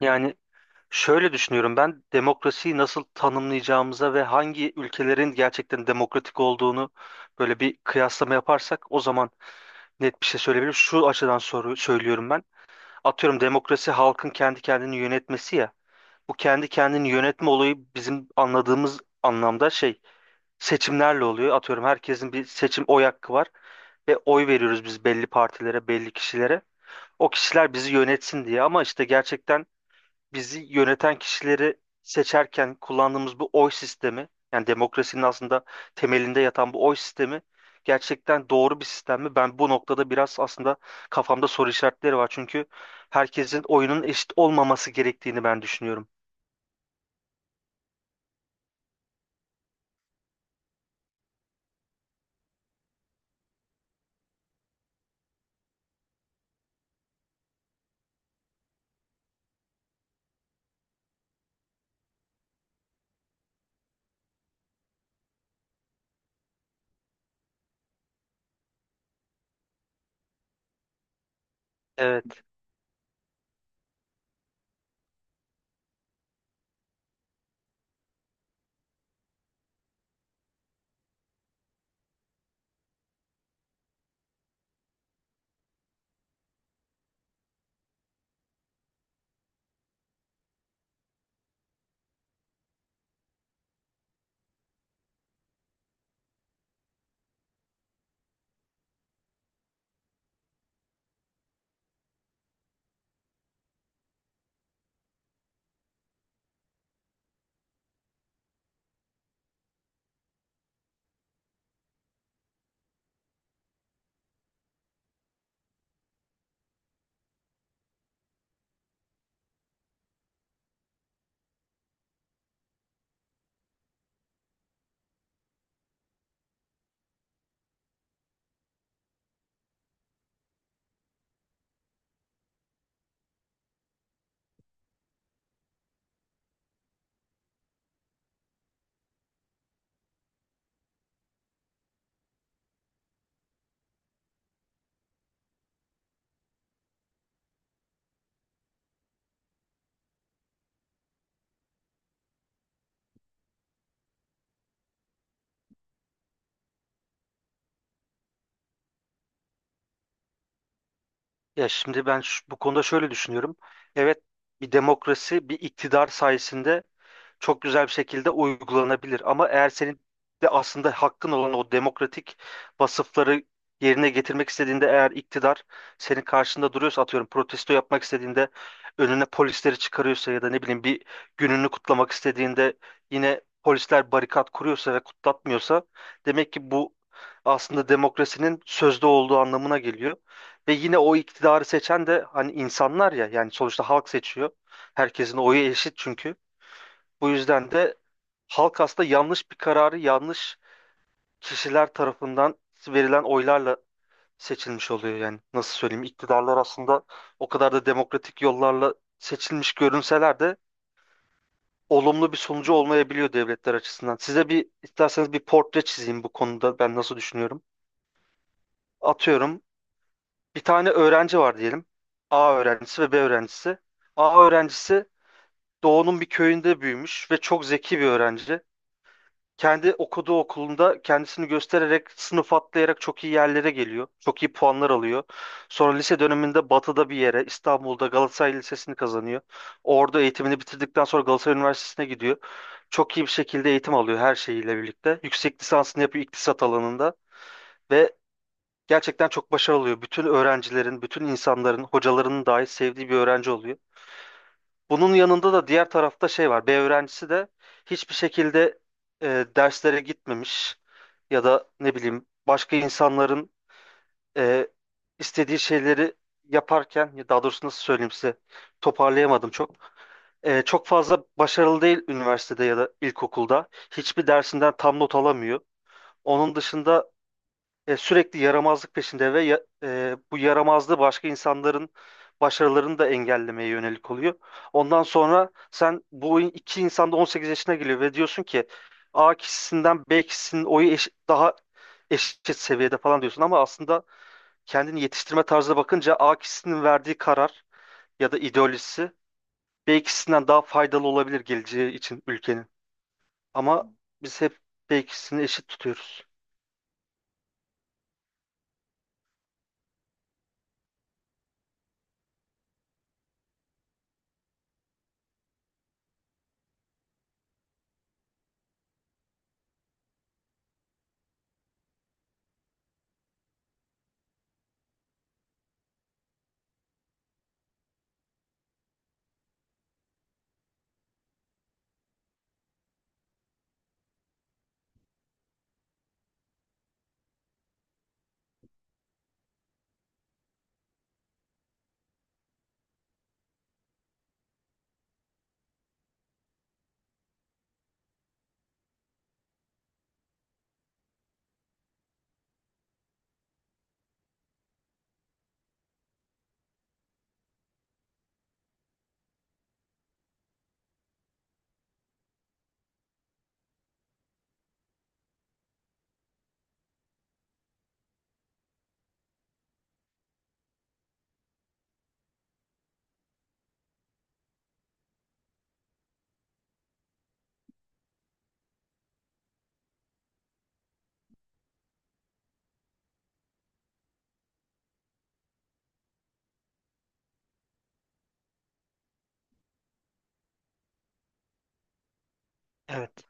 Yani şöyle düşünüyorum ben demokrasiyi nasıl tanımlayacağımıza ve hangi ülkelerin gerçekten demokratik olduğunu böyle bir kıyaslama yaparsak o zaman net bir şey söyleyebilirim. Şu açıdan soru söylüyorum ben. Atıyorum demokrasi halkın kendi kendini yönetmesi ya. Bu kendi kendini yönetme olayı bizim anladığımız anlamda şey seçimlerle oluyor. Atıyorum herkesin bir seçim oy hakkı var ve oy veriyoruz biz belli partilere, belli kişilere. O kişiler bizi yönetsin diye ama işte gerçekten bizi yöneten kişileri seçerken kullandığımız bu oy sistemi, yani demokrasinin aslında temelinde yatan bu oy sistemi gerçekten doğru bir sistem mi? Ben bu noktada biraz aslında kafamda soru işaretleri var. Çünkü herkesin oyunun eşit olmaması gerektiğini ben düşünüyorum. Evet, ya şimdi ben bu konuda şöyle düşünüyorum. Evet, bir demokrasi, bir iktidar sayesinde çok güzel bir şekilde uygulanabilir. Ama eğer senin de aslında hakkın olan o demokratik vasıfları yerine getirmek istediğinde eğer iktidar senin karşında duruyorsa atıyorum protesto yapmak istediğinde önüne polisleri çıkarıyorsa ya da ne bileyim bir gününü kutlamak istediğinde yine polisler barikat kuruyorsa ve kutlatmıyorsa demek ki bu aslında demokrasinin sözde olduğu anlamına geliyor. Ve yine o iktidarı seçen de hani insanlar ya yani sonuçta halk seçiyor. Herkesin oyu eşit çünkü. Bu yüzden de halk aslında yanlış bir kararı yanlış kişiler tarafından verilen oylarla seçilmiş oluyor yani. Nasıl söyleyeyim? İktidarlar aslında o kadar da demokratik yollarla seçilmiş görünseler de olumlu bir sonucu olmayabiliyor devletler açısından. Size bir isterseniz bir portre çizeyim bu konuda ben nasıl düşünüyorum. Atıyorum bir tane öğrenci var diyelim. A öğrencisi ve B öğrencisi. A öğrencisi doğunun bir köyünde büyümüş ve çok zeki bir öğrenci. Kendi okuduğu okulunda kendisini göstererek sınıf atlayarak çok iyi yerlere geliyor. Çok iyi puanlar alıyor. Sonra lise döneminde Batı'da bir yere İstanbul'da Galatasaray Lisesi'ni kazanıyor. Orada eğitimini bitirdikten sonra Galatasaray Üniversitesi'ne gidiyor. Çok iyi bir şekilde eğitim alıyor her şeyiyle birlikte. Yüksek lisansını yapıyor iktisat alanında ve gerçekten çok başarılı oluyor. Bütün öğrencilerin, bütün insanların, hocalarının dahi sevdiği bir öğrenci oluyor. Bunun yanında da diğer tarafta şey var. B öğrencisi de hiçbir şekilde derslere gitmemiş ya da ne bileyim başka insanların e, istediği şeyleri yaparken ya daha doğrusu nasıl söyleyeyim size toparlayamadım çok. Çok fazla başarılı değil üniversitede ya da ilkokulda. Hiçbir dersinden tam not alamıyor. Onun dışında sürekli yaramazlık peşinde ve bu yaramazlığı başka insanların başarılarını da engellemeye yönelik oluyor. Ondan sonra sen bu iki insan da 18 yaşına geliyor ve diyorsun ki A kişisinden B kişisinin oyu daha eşit seviyede falan diyorsun ama aslında kendini yetiştirme tarzına bakınca A kişisinin verdiği karar ya da ideolojisi B kişisinden daha faydalı olabilir geleceği için ülkenin. Ama biz hep B kişisini eşit tutuyoruz. Evet,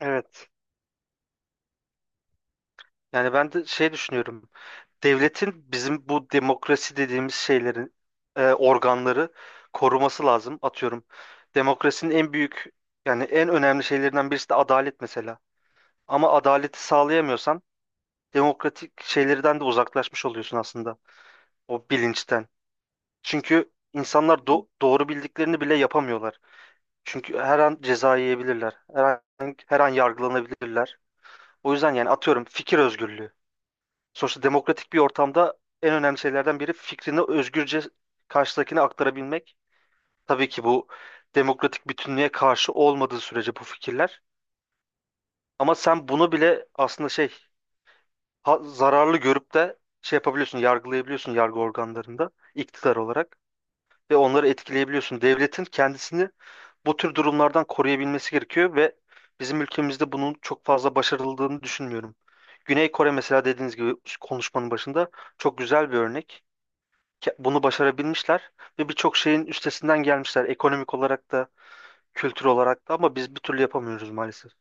evet. Yani ben de şey düşünüyorum. Devletin bizim bu demokrasi dediğimiz şeylerin organları koruması lazım. Atıyorum demokrasinin en büyük yani en önemli şeylerinden birisi de adalet mesela. Ama adaleti sağlayamıyorsan demokratik şeylerden de uzaklaşmış oluyorsun aslında o bilinçten. Çünkü insanlar doğru bildiklerini bile yapamıyorlar. Çünkü her an ceza yiyebilirler. Her an, her an yargılanabilirler. O yüzden yani atıyorum fikir özgürlüğü. Sonuçta demokratik bir ortamda en önemli şeylerden biri fikrini özgürce karşıdakine aktarabilmek. Tabii ki bu demokratik bütünlüğe karşı olmadığı sürece bu fikirler. Ama sen bunu bile aslında şey zararlı görüp de şey yapabiliyorsun, yargılayabiliyorsun yargı organlarında iktidar olarak ve onları etkileyebiliyorsun. Devletin kendisini bu tür durumlardan koruyabilmesi gerekiyor ve bizim ülkemizde bunun çok fazla başarıldığını düşünmüyorum. Güney Kore mesela dediğiniz gibi konuşmanın başında çok güzel bir örnek. Bunu başarabilmişler ve birçok şeyin üstesinden gelmişler ekonomik olarak da kültür olarak da ama biz bir türlü yapamıyoruz maalesef.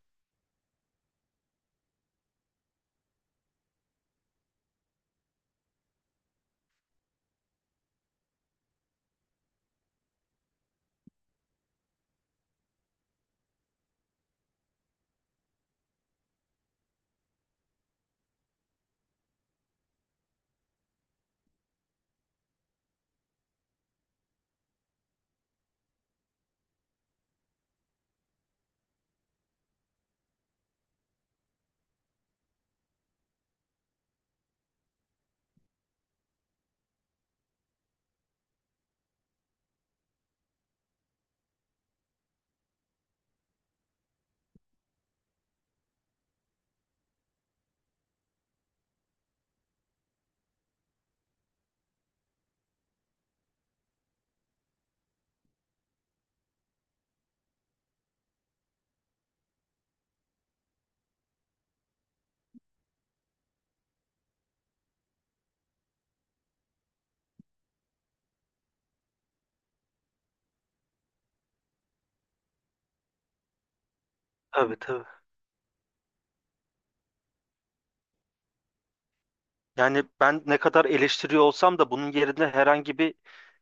Tabii, tabii. Yani ben ne kadar eleştiriyor olsam da bunun yerine herhangi bir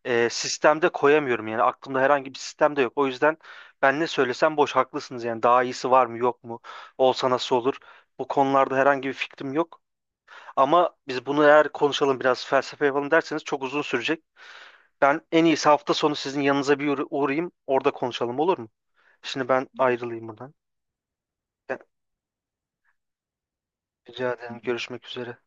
sistemde koyamıyorum. Yani aklımda herhangi bir sistem de yok. O yüzden ben ne söylesem boş haklısınız. Yani daha iyisi var mı yok mu? Olsa nasıl olur? Bu konularda herhangi bir fikrim yok. Ama biz bunu eğer konuşalım biraz felsefe yapalım derseniz çok uzun sürecek. Ben en iyisi hafta sonu sizin yanınıza bir uğrayayım. Orada konuşalım olur mu? Şimdi ben ayrılayım buradan. Rica ederim. Görüşmek üzere.